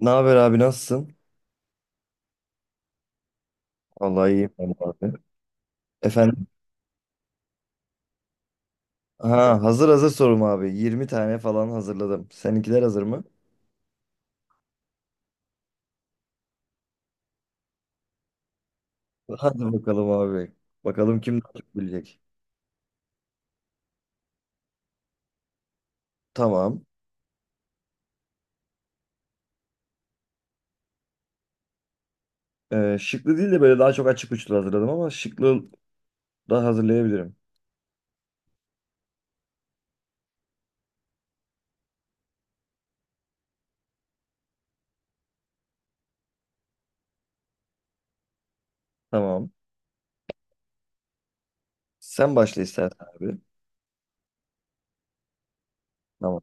Ne haber abi, nasılsın? Vallahi iyiyim ben de abi. Efendim? Ha, hazır sorum abi. 20 tane falan hazırladım. Seninkiler hazır mı? Hadi bakalım abi. Bakalım kim daha çok bilecek. Tamam. Şıklı değil de böyle daha çok açık uçlu hazırladım ama şıklı da hazırlayabilirim. Tamam. Sen başla istersen abi. Tamam.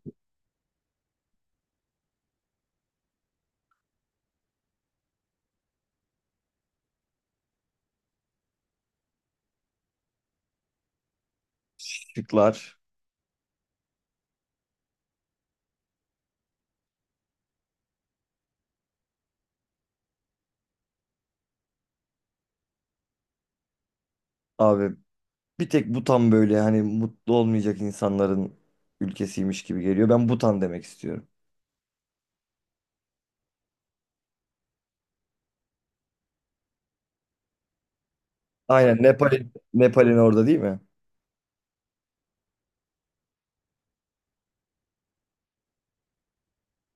Şıklar. Abi, bir tek Butan böyle hani mutlu olmayacak insanların ülkesiymiş gibi geliyor. Ben Butan demek istiyorum. Aynen, Nepal'in orada değil mi?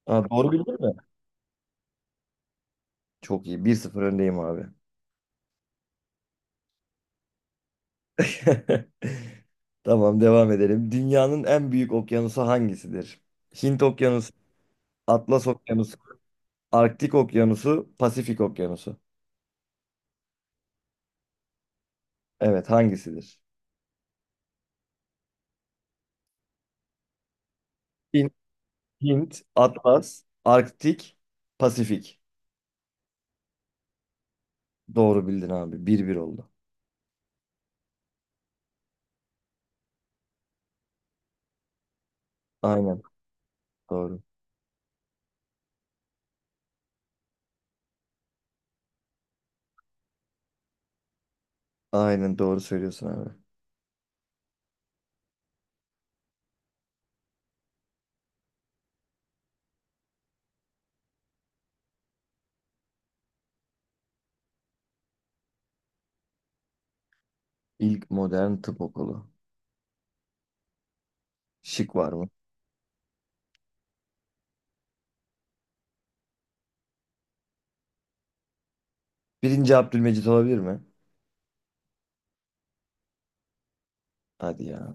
Ha, doğru bildim mi? Çok iyi. 1-0 öndeyim abi. Tamam, devam edelim. Dünyanın en büyük okyanusu hangisidir? Hint Okyanusu, Atlas Okyanusu, Arktik Okyanusu, Pasifik Okyanusu. Evet, hangisidir? Hint, Hint, Atlas, Arktik, Pasifik. Doğru bildin abi. 1-1 oldu. Aynen doğru. Aynen doğru söylüyorsun abi. İlk modern tıp okulu. Şık var mı? Birinci Abdülmecit olabilir mi? Hadi ya.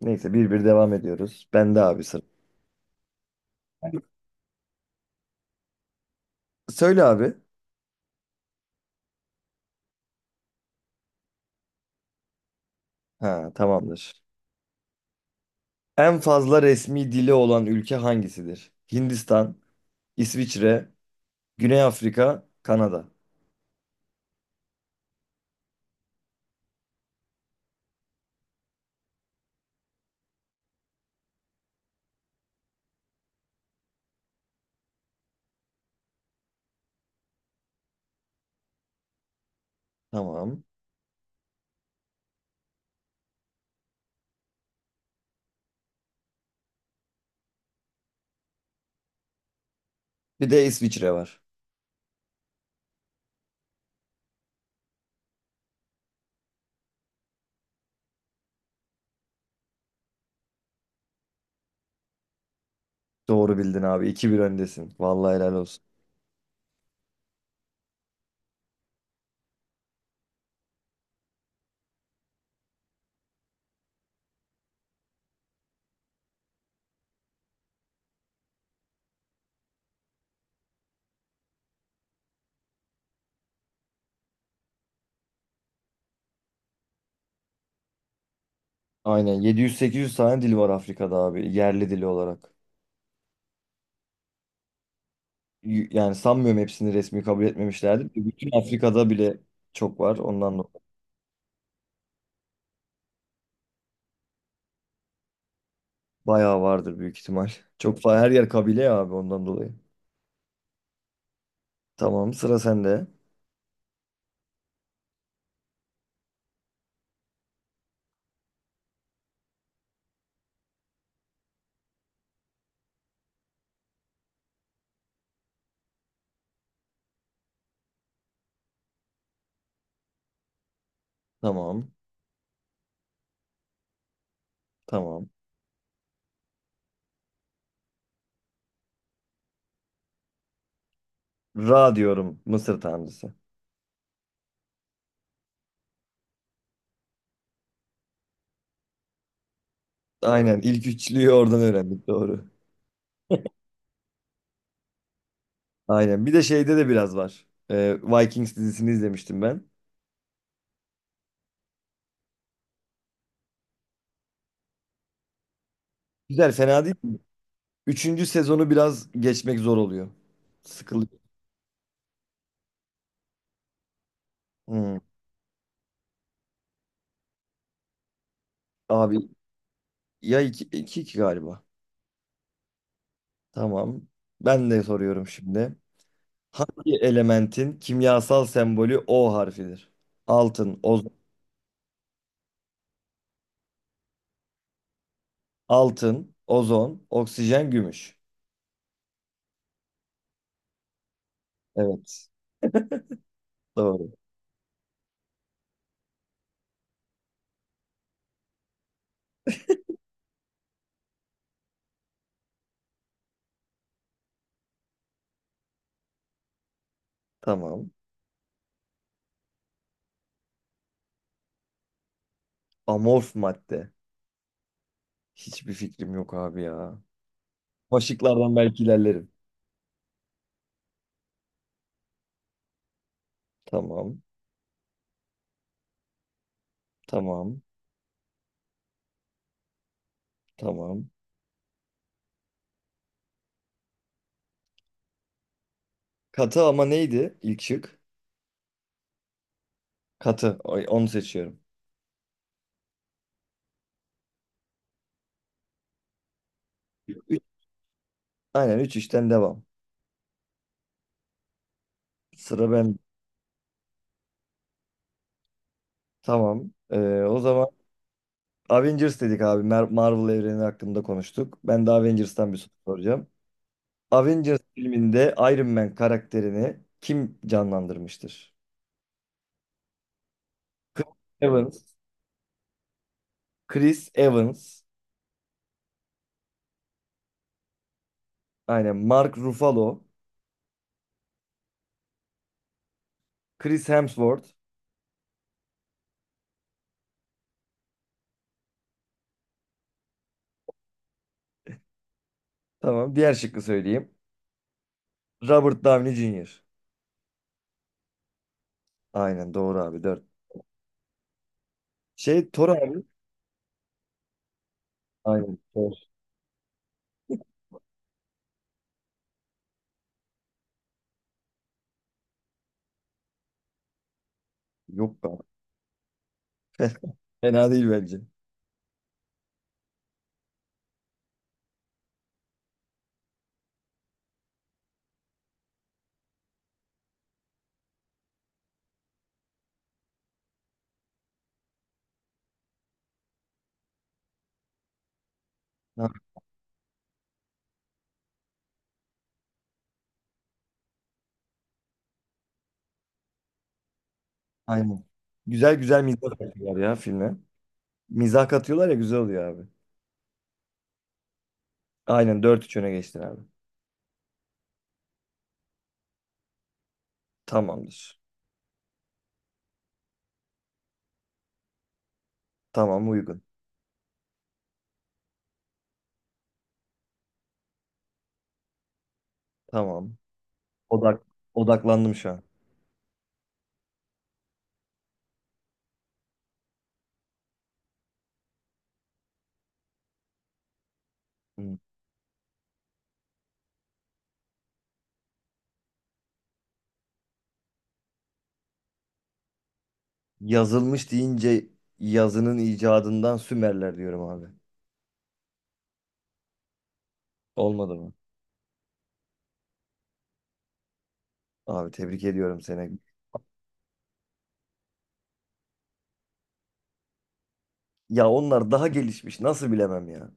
Neyse, 1-1 devam ediyoruz. Ben de abi sıra. Söyle abi. Ha, tamamdır. En fazla resmi dili olan ülke hangisidir? Hindistan, İsviçre, Güney Afrika, Kanada. Tamam. Bir de İsviçre var. Doğru bildin abi. 2-1 öndesin. Vallahi helal olsun. Aynen, 700-800 tane dil var Afrika'da abi. Yerli dili olarak. Yani sanmıyorum hepsini resmi kabul etmemişlerdir. Bütün Afrika'da bile çok var. Ondan dolayı. Bayağı vardır büyük ihtimal. Çok her yer kabile ya abi, ondan dolayı. Tamam, sıra sende. Tamam. Tamam. Ra diyorum, Mısır tanrısı. Aynen, ilk üçlüyü oradan öğrendik, doğru. Aynen, bir de şeyde de biraz var. Vikings dizisini izlemiştim ben. Güzel, fena değil mi? Üçüncü sezonu biraz geçmek zor oluyor. Sıkılıyor. Hmm. Abi ya, iki, iki, iki galiba. Tamam. Ben de soruyorum şimdi. Hangi elementin kimyasal sembolü O harfidir? Altın, ozon, altın, ozon, oksijen, gümüş. Evet. Doğru. Tamam. Amorf madde. Hiçbir fikrim yok abi ya. Başlıklardan belki ilerlerim. Tamam. Tamam. Tamam. Katı ama neydi ilk şık? Katı. Ay, onu seçiyorum. Üç, aynen 3 işten devam. Sıra ben. Tamam. O zaman Avengers dedik abi. Marvel evreni hakkında konuştuk. Ben de Avengers'tan bir soru soracağım. Avengers filminde Iron Man karakterini kim canlandırmıştır? Chris Evans. Chris Evans. Aynen. Mark Ruffalo. Chris Hemsworth. Tamam. Diğer şıkkı söyleyeyim. Robert Downey Jr. Aynen doğru abi. Dört. Şey, Thor abi. Aynen, Thor. Yok be abi. Fena değil bence. Ha, aynen. Güzel güzel mizah katıyorlar ya filme. Mizah katıyorlar ya, güzel oluyor abi. Aynen, dört 3 öne geçtin abi. Tamamdır. Tamam, uygun. Tamam. Odak, Odaklandım şu an. Hı. Yazılmış deyince, yazının icadından, Sümerler diyorum abi. Olmadı mı? Abi, tebrik ediyorum seni. Ya onlar daha gelişmiş. Nasıl bilemem ya?